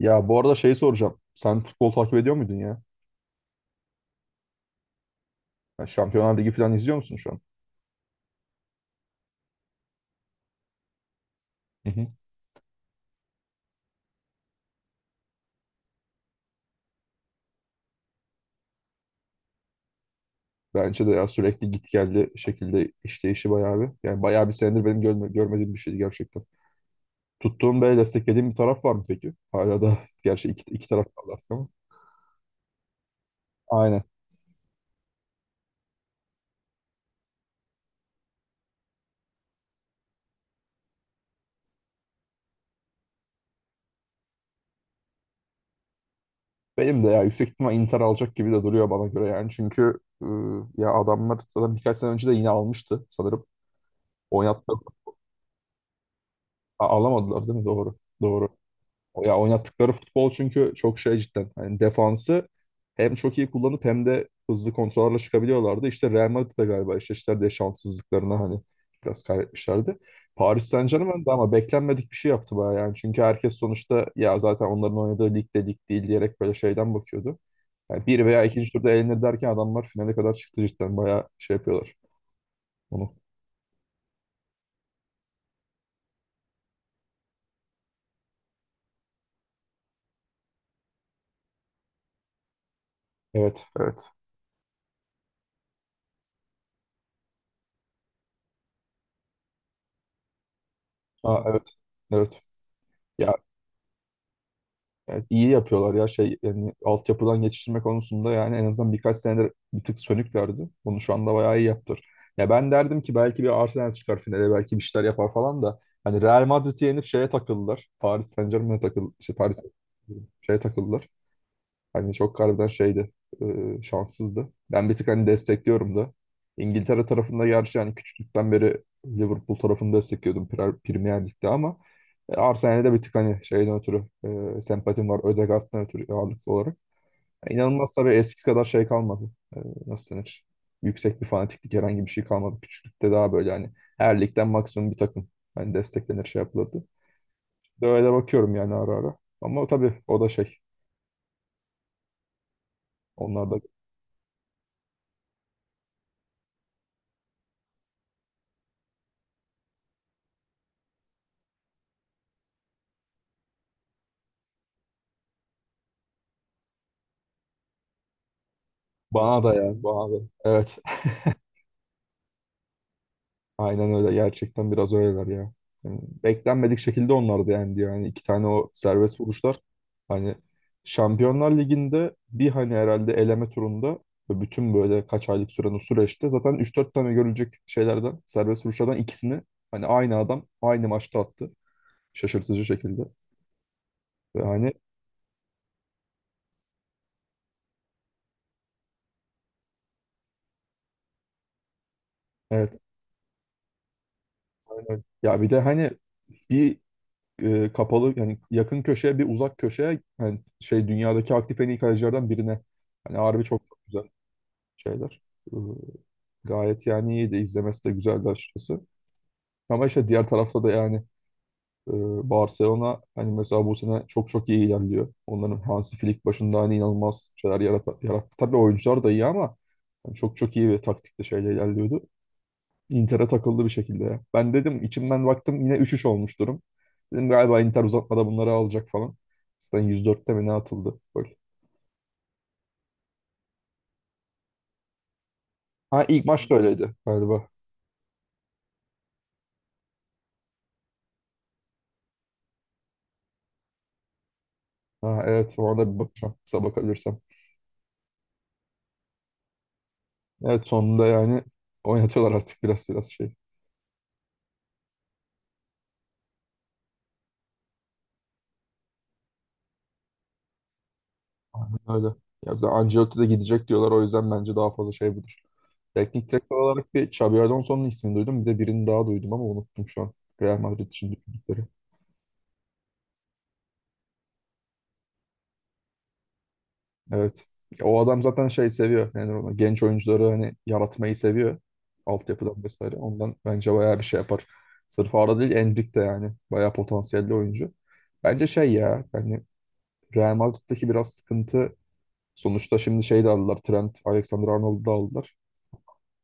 Ya bu arada şey soracağım. Sen futbol takip ediyor muydun ya? Ya Şampiyonlar Ligi falan izliyor musun şu an? Hı hı. Bence de ya sürekli git geldi şekilde işleyişi bayağı bir. Yani bayağı bir senedir benim görmediğim bir şeydi gerçekten. Tuttuğun böyle desteklediğin bir taraf var mı peki? Hala da gerçi iki taraf kaldı artık ama. Aynen. Benim de ya yüksek ihtimal Inter alacak gibi de duruyor bana göre yani. Çünkü ya adamlar zaten birkaç sene önce de yine almıştı sanırım. Oynattılar. Alamadılar değil mi? Doğru. Doğru. Ya oynattıkları futbol çünkü çok şey cidden. Hani defansı hem çok iyi kullanıp hem de hızlı kontrollerle çıkabiliyorlardı. İşte Real Madrid de galiba eşleştiler diye şanssızlıklarına hani biraz kaybetmişlerdi. Paris Saint-Germain de ama beklenmedik bir şey yaptı bayağı yani. Çünkü herkes sonuçta ya zaten onların oynadığı lig de lig değil diyerek böyle şeyden bakıyordu. Yani bir veya ikinci turda elenir derken adamlar finale kadar çıktı cidden. Bayağı şey yapıyorlar onu. Evet, evet. Ha, evet, evet. Ya evet, iyi yapıyorlar ya şey yani altyapıdan geçiştirme konusunda yani en azından birkaç senedir bir tık sönüklerdi. Bunu şu anda bayağı iyi yaptılar. Ya ben derdim ki belki bir Arsenal çıkar finale belki bir şeyler yapar falan da hani Real Madrid'i yenip şeye takıldılar. Paris Saint-Germain'e takıl şey Paris şeye takıldılar. Hani çok harbiden şeydi, şanssızdı. Ben bir tık hani destekliyorum da. İngiltere tarafında gerçi yani küçüklükten beri Liverpool tarafını destekliyordum Premier Lig'de ama Arsenal'e de bir tık hani şeyden ötürü sempatim var. Ødegaard'dan ötürü ağırlıklı olarak. Yani inanılmaz tabii eskisi kadar şey kalmadı. Nasıl denir? Yüksek bir fanatiklik herhangi bir şey kalmadı. Küçüklükte daha böyle hani her ligden maksimum bir takım. Hani desteklenir şey yapılırdı. Böyle bakıyorum yani ara ara. Ama tabii o da şey. Onlar da. Bana da ya, bana da. Evet, aynen öyle. Gerçekten biraz öyleler ya. Yani beklenmedik şekilde onlar da yendi yani. İki tane o serbest vuruşlar. Hani Şampiyonlar Ligi'nde bir hani herhalde eleme turunda ve bütün böyle kaç aylık süren o süreçte zaten üç dört tane görülecek şeylerden, serbest vuruşlardan ikisini hani aynı adam aynı maçta attı. Şaşırtıcı şekilde. Ve hani evet, aynen. Ya bir de hani bir kapalı yani yakın köşeye bir uzak köşeye yani şey dünyadaki aktif en iyi kalecilerden birine. Hani harbi çok çok güzel şeyler. E, gayet yani iyiydi. İzlemesi de güzeldi açıkçası. Ama işte diğer tarafta da yani e, Barcelona hani mesela bu sene çok çok iyi ilerliyor. Onların Hansi Flick başında hani inanılmaz şeyler yarattı. Tabii oyuncular da iyi ama yani çok çok iyi bir taktikle şeyle ilerliyordu. Inter'e takıldı bir şekilde ya. Ben dedim içimden baktım yine üç üç olmuş durum. Dedim galiba Inter uzatmada bunları alacak falan. Zaten 104'te mi ne atıldı gol. Ha, ilk maç da öyleydi galiba. Ha, evet, orada bir bakacağım kısa bakabilirsem. Evet, sonunda yani oynatıyorlar artık biraz biraz şey. Öyle. Ya zaten Ancelotti de gidecek diyorlar o yüzden bence daha fazla şey budur. Teknik direktör olarak bir Xabi Alonso'nun ismini duydum. Bir de birini daha duydum ama unuttum şu an. Real Madrid düşündükleri. Evet. Ya o adam zaten şey seviyor. Yani ona genç oyuncuları hani yaratmayı seviyor. Altyapıdan vesaire. Ondan bence bayağı bir şey yapar. Sırf Arda değil, Endrick de yani. Bayağı potansiyelli oyuncu. Bence şey ya yani Real Madrid'deki biraz sıkıntı sonuçta şimdi şey de aldılar. Trent, Alexander-Arnold'u da aldılar.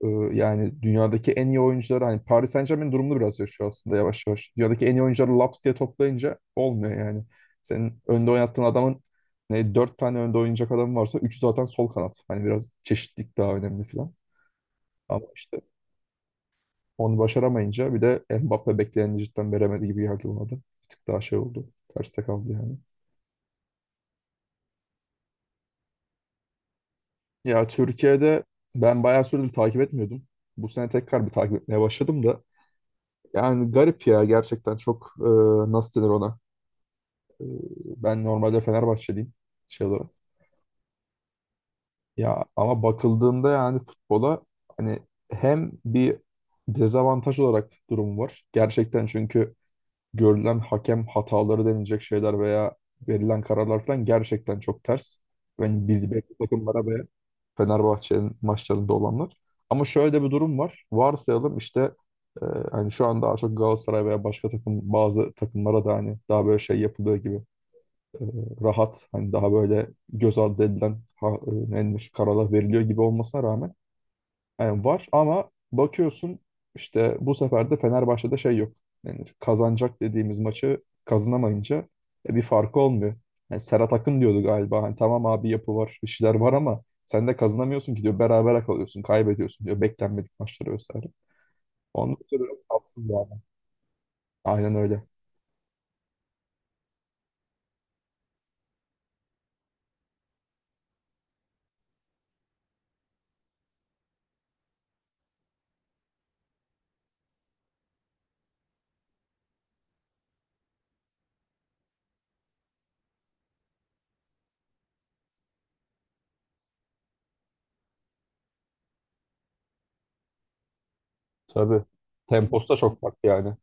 Ee, yani dünyadaki en iyi oyuncuları hani Paris Saint-Germain durumunu biraz yaşıyor aslında yavaş yavaş. Dünyadaki en iyi oyuncuları laps diye toplayınca olmuyor yani. Senin önde oynattığın adamın ne dört tane önde oynayacak adam varsa üçü zaten sol kanat. Hani biraz çeşitlilik daha önemli falan. Ama işte onu başaramayınca bir de Mbappe bekleneni cidden veremedi gibi geldi bana da. Bir tık daha şey oldu. Terste kaldı yani. Ya Türkiye'de ben bayağı süredir takip etmiyordum. Bu sene tekrar bir takip etmeye başladım. Da. Yani garip ya gerçekten çok. Nasıl denir ona? Ee, Ben normalde Fenerbahçeliyim şey olarak. Ya ama bakıldığında yani futbola hani hem bir dezavantaj olarak durumu var. Gerçekten çünkü görülen hakem hataları denilecek şeyler veya verilen kararlar falan gerçekten çok ters. Yani biz belli takımlara ve Fenerbahçe'nin maçlarında olanlar. Ama şöyle bir durum var. Varsayalım işte e, hani şu an daha çok Galatasaray veya başka takım bazı takımlara da hani daha böyle şey yapılıyor gibi e, rahat hani daha böyle göz ardı edilen ha, ne denir, kararlar veriliyor gibi olmasına rağmen yani var ama bakıyorsun işte bu sefer de Fenerbahçe'de şey yok. Ne denir, kazanacak dediğimiz maçı kazanamayınca bir farkı olmuyor. Yani Serhat Akın diyordu galiba. Hani tamam abi yapı var, bir şeyler var ama sen de kazanamıyorsun ki diyor. Berabere kalıyorsun, kaybediyorsun diyor. Beklenmedik maçları vesaire. Onun için biraz tatsız yani. Aynen öyle. Tabii. Temposu da çok farklı yani.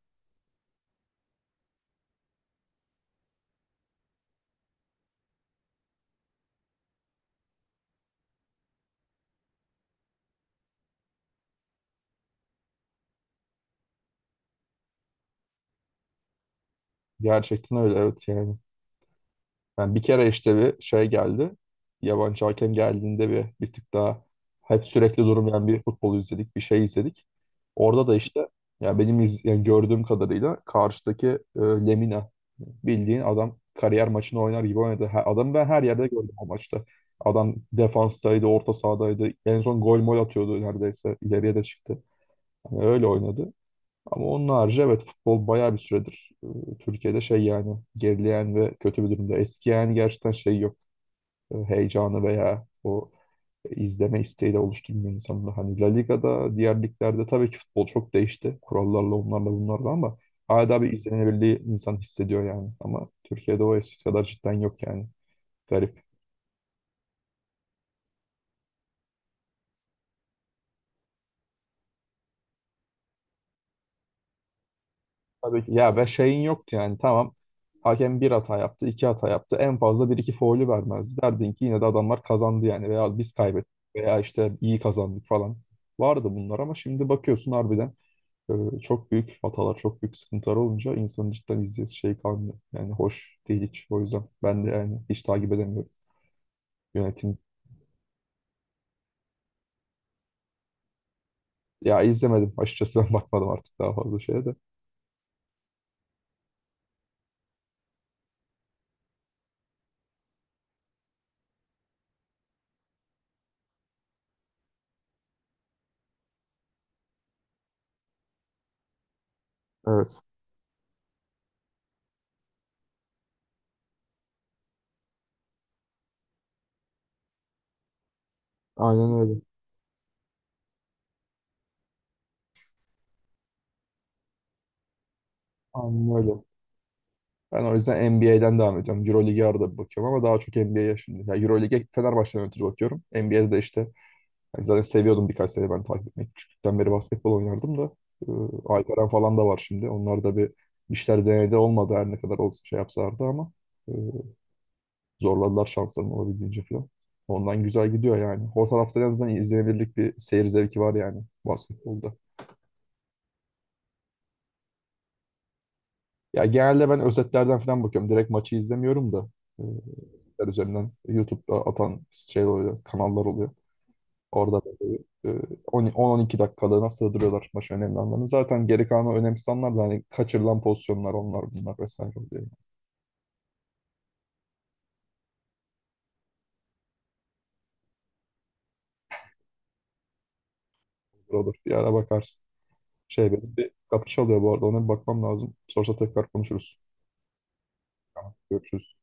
Gerçekten öyle evet yani. Yani bir kere işte bir şey geldi. Yabancı hakem geldiğinde bir tık daha hep sürekli durmayan bir futbol izledik, bir şey izledik. Orada da işte ya benim yani gördüğüm kadarıyla karşıdaki Lemina bildiğin adam kariyer maçını oynar gibi oynadı. Ha, adamı ben her yerde gördüm o maçta. Adam defanstaydı, orta sahadaydı. En son gol mol atıyordu neredeyse. İleriye de çıktı. Yani öyle oynadı. Ama onun harici evet futbol bayağı bir süredir Türkiye'de şey yani gerileyen ve kötü bir durumda. Eski yani gerçekten şey yok. Heyecanı veya o izleme isteği de oluşturmuyor insanın. Hani La Liga'da, diğer liglerde tabii ki futbol çok değişti. Kurallarla onlarla bunlarla ama hala bir izlenebildiği insan hissediyor yani. Ama Türkiye'de o eskisi kadar cidden yok yani. Garip. Tabii ki. Ya ve şeyin yoktu yani tamam. Hakem bir hata yaptı, iki hata yaptı. En fazla bir iki faulü vermezdi. Derdin ki yine de adamlar kazandı yani veya biz kaybettik veya işte iyi kazandık falan. Vardı bunlar ama şimdi bakıyorsun harbiden çok büyük hatalar, çok büyük sıkıntılar olunca insanın cidden izleyesi şey kalmıyor. Yani hoş değil hiç. O yüzden ben de yani hiç takip edemiyorum yönetim. Ya izlemedim açıkçası ben bakmadım artık daha fazla şeye de. Evet. Aynen öyle. Aynen öyle. Ben o yüzden NBA'den devam edeceğim. Euroleague'e arada bir bakıyorum ama daha çok NBA'ye şimdi. Ya Euroleague'e Fenerbahçe'den ötürü bakıyorum. NBA'de de işte hani zaten seviyordum birkaç sene ben takip etmeyi. Küçüklükten beri basketbol oynardım da. E, Alperen falan da var şimdi. Onlar da bir bir işler denedi olmadı her ne kadar olsun şey yapsalardı ama e, zorladılar şanslarını olabildiğince falan. Ondan güzel gidiyor yani. O tarafta en azından izlenebilirlik bir seyir zevki var yani basketbolda. Ya genelde ben özetlerden falan bakıyorum. Direkt maçı izlemiyorum da. e, özetler üzerinden YouTube'da atan şey oluyor, kanallar oluyor. Orada böyle, e, 10 10-12 dakikalığına sığdırıyorlar maç önemli anlarını. Zaten geri kalanı önemsiz anlar da hani kaçırılan pozisyonlar onlar bunlar vesaire oluyor. Yani. Olur olur. Bir ara bakarsın. Şey benim bir kapı çalıyor bu arada. Ona bir bakmam lazım. Sorsa tekrar konuşuruz. Tamam, görüşürüz.